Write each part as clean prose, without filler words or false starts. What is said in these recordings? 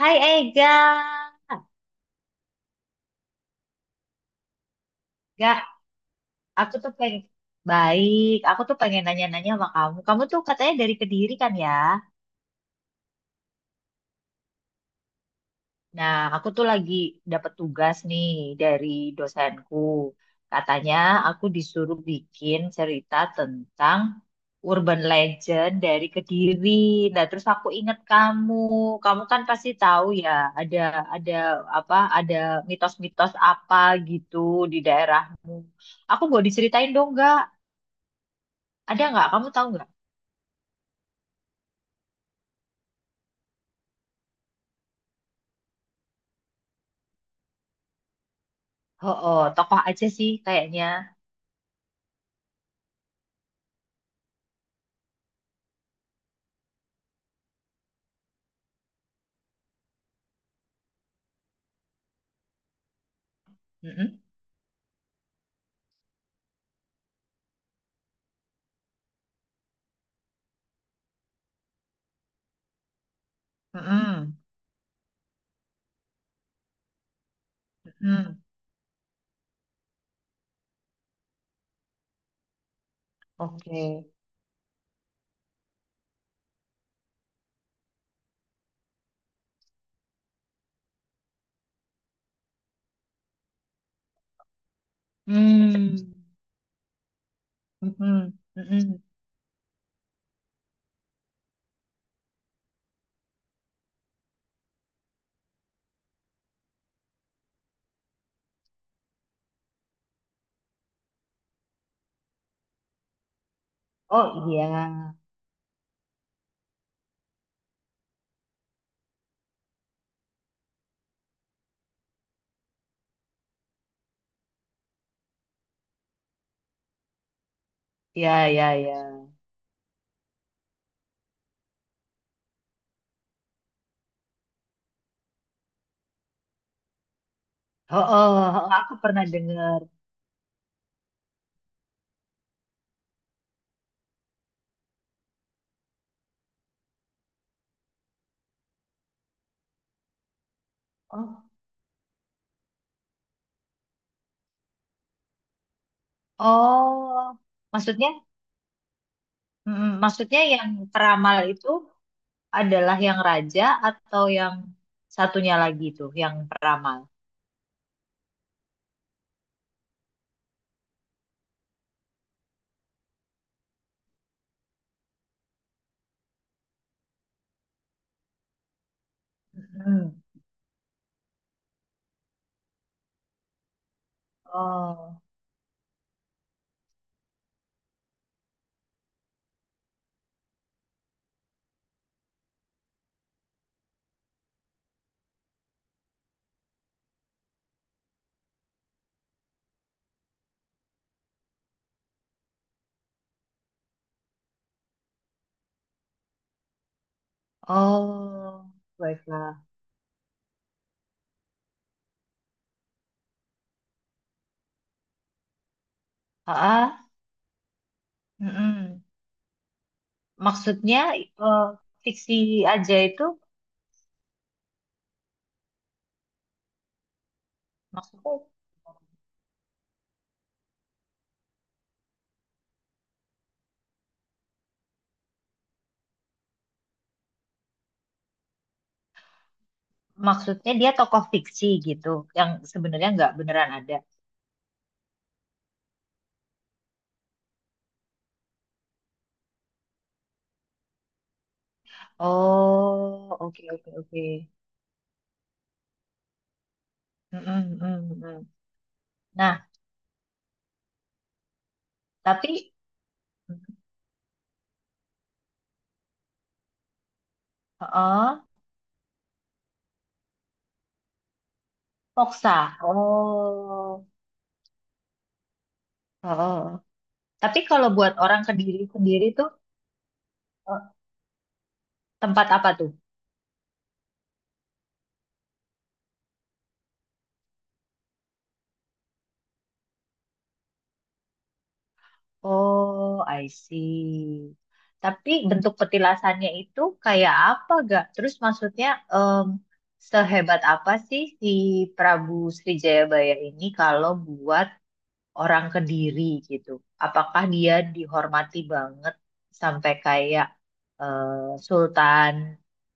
Hai Ega. Gak, aku tuh pengen baik. Aku tuh pengen nanya-nanya sama kamu. Kamu tuh katanya dari Kediri, kan ya? Nah, aku tuh lagi dapat tugas nih dari dosenku. Katanya aku disuruh bikin cerita tentang urban legend dari Kediri. Nah, terus aku ingat kamu. Kamu kan pasti tahu ya, ada ada apa? Ada mitos-mitos apa gitu di daerahmu. Aku boleh diceritain, dong, gak? Ada nggak? Kamu tahu nggak? Oh, oh, tokoh aja sih kayaknya. Mm-mm. Mm-mm, mm-mm. Oke. Hmm. Mm-mm, mm-mm. Oh iya, iya, iya, iya. Oh, oh, oh, aku pernah dengar. Oh, oh, maksudnya, maksudnya yang peramal itu adalah yang raja, atau yang satunya lagi itu, yang peramal. Mm. Oh, oh, baiklah. Ah, ah, mm-mm. Maksudnya, eh, fiksi aja itu, maksudnya, dia tokoh fiksi gitu yang sebenarnya nggak beneran ada. Oh, oke, oke, oke. Mm-mm, mm, mm. Nah, tapi, heeh, Poksa. Oh, oh. Tapi kalau buat orang Kediri sendiri tuh, eh, tempat apa tuh? Oh, I see. Tapi bentuk petilasannya itu kayak apa gak? Terus, maksudnya, em, sehebat apa sih si Prabu Jayabaya ini kalau buat orang Kediri gitu? Apakah dia dihormati banget sampai kayak, eh, Sultan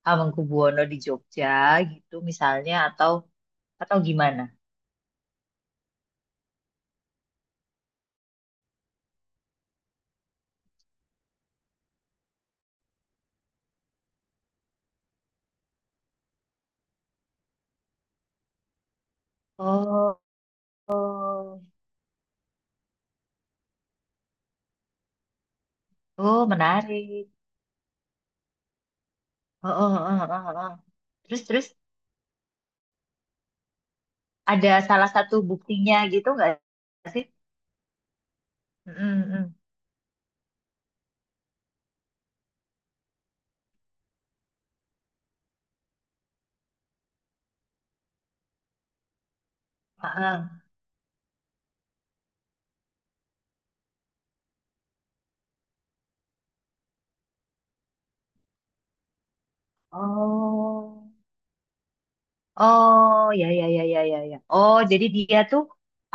Hamengkubuwono di Jogja gitu misalnya, atau gimana? Oh, oh, oh, menarik. Oh, oh, oh, oh, oh. Terus, terus. Ada salah satu buktinya gitu nggak sih? Mm, mm. Heeh. Oh, oh ya, ya, ya, ya, ya, ya. Oh, jadi dia tuh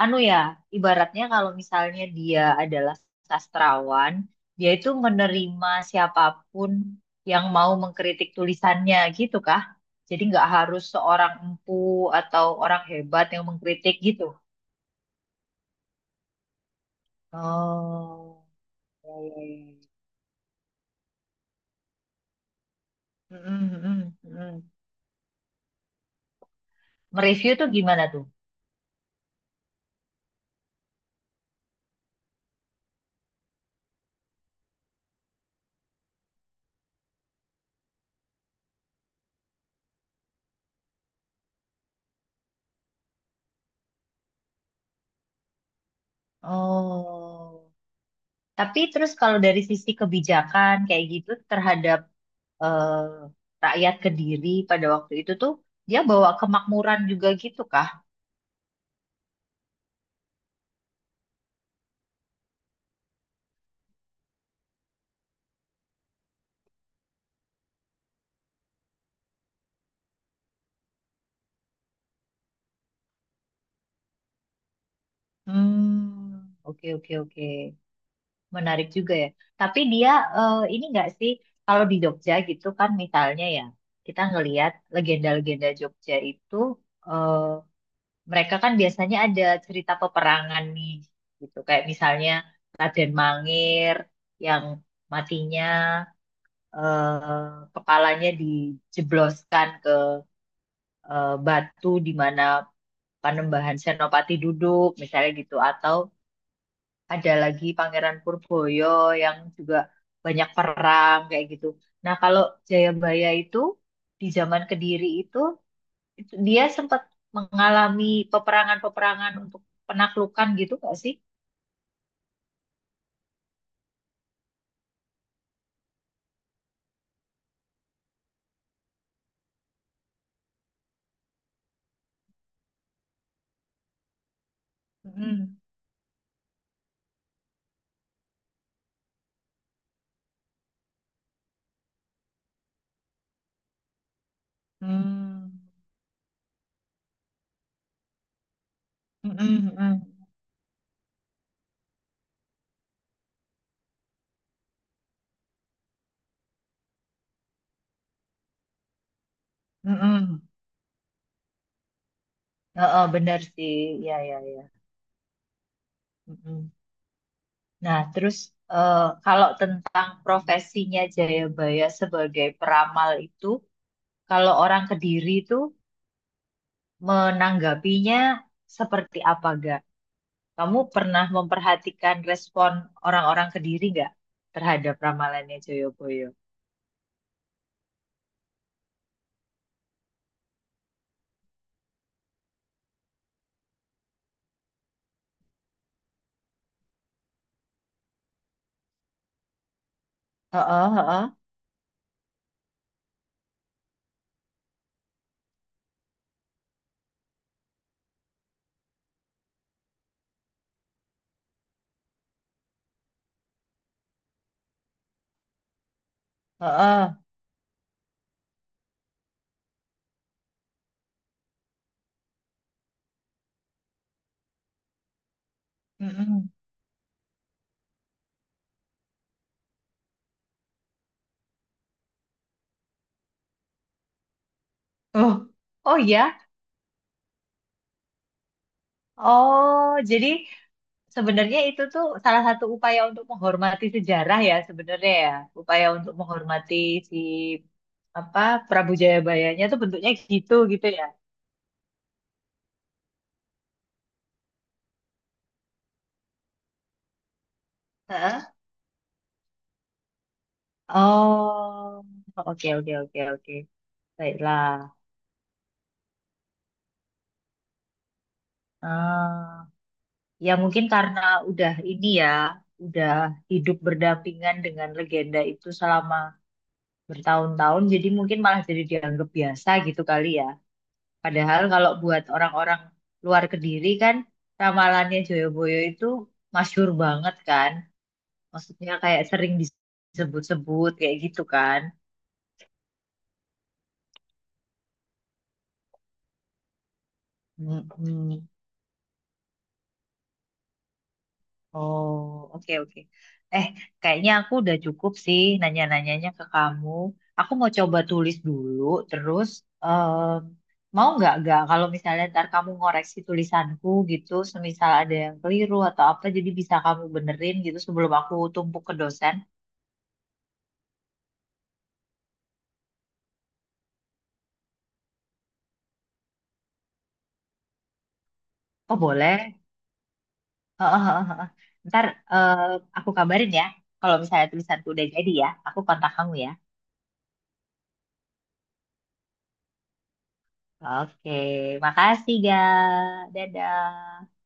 anu ya, ibaratnya kalau misalnya dia adalah sastrawan, dia itu menerima siapapun yang mau mengkritik tulisannya, gitu kah? Jadi nggak harus seorang empu atau orang hebat yang mengkritik gitu. Oh, ya, ya, ya. Mm, mm, mm, mm. Mereview tuh gimana tuh? Oh, tapi terus kalau dari sisi kebijakan kayak gitu terhadap, rakyat Kediri pada waktu itu tuh, dia bawa kemakmuran juga gitu kah? Hmm, oke, oke, oke, menarik juga ya. Tapi dia, ini nggak sih, kalau di Jogja gitu kan misalnya ya, kita ngelihat legenda-legenda Jogja itu, eh, mereka kan biasanya ada cerita peperangan nih, gitu kayak misalnya Raden Mangir yang matinya, kepalanya dijebloskan ke, batu di mana Panembahan Senopati duduk, misalnya, gitu, atau ada lagi Pangeran Purboyo yang juga banyak perang kayak gitu. Nah, kalau Jayabaya itu di zaman Kediri itu dia sempat mengalami peperangan-peperangan untuk penaklukan gitu nggak sih? Mm-mm. Mm. Mm, mm, mm-mm, mm-mm. Heeh, benar sih, ya, ya, ya. Mm-mm. Nah, terus, kalau tentang profesinya Jayabaya sebagai peramal itu, kalau orang Kediri itu menanggapinya seperti apa gak? Kamu pernah memperhatikan respon orang-orang Kediri nggak terhadap ramalannya Jayabaya? Heeh, heeh. Heeh. Mm-mm. Oh, oh ya. Oh, jadi sebenarnya itu tuh salah satu upaya untuk menghormati sejarah ya sebenarnya ya. Upaya untuk menghormati si apa, Prabu Jayabayanya tuh bentuknya gitu gitu ya. Heeh. Oh, oke, oke, oke, oke. Baiklah. Ah, ya mungkin karena udah ini ya, udah hidup berdampingan dengan legenda itu selama bertahun-tahun, jadi mungkin malah jadi dianggap biasa gitu kali ya. Padahal kalau buat orang-orang luar Kediri kan ramalannya Joyoboyo itu masyhur banget kan. Maksudnya kayak sering disebut-sebut kayak gitu kan. Mm-mm. Oh, oke, oke. Eh, kayaknya aku udah cukup sih nanya-nanyanya ke kamu. Aku mau coba tulis dulu, terus, mau nggak kalau misalnya ntar kamu ngoreksi tulisanku gitu, semisal ada yang keliru atau apa, jadi bisa kamu benerin gitu sebelum aku tumpuk ke dosen. Oh boleh. Heeh, heeh, heeh. Ntar, eh, aku kabarin ya. Kalau misalnya tulisanku udah jadi ya, aku kontak kamu ya. Oke, makasih ga. Dadah.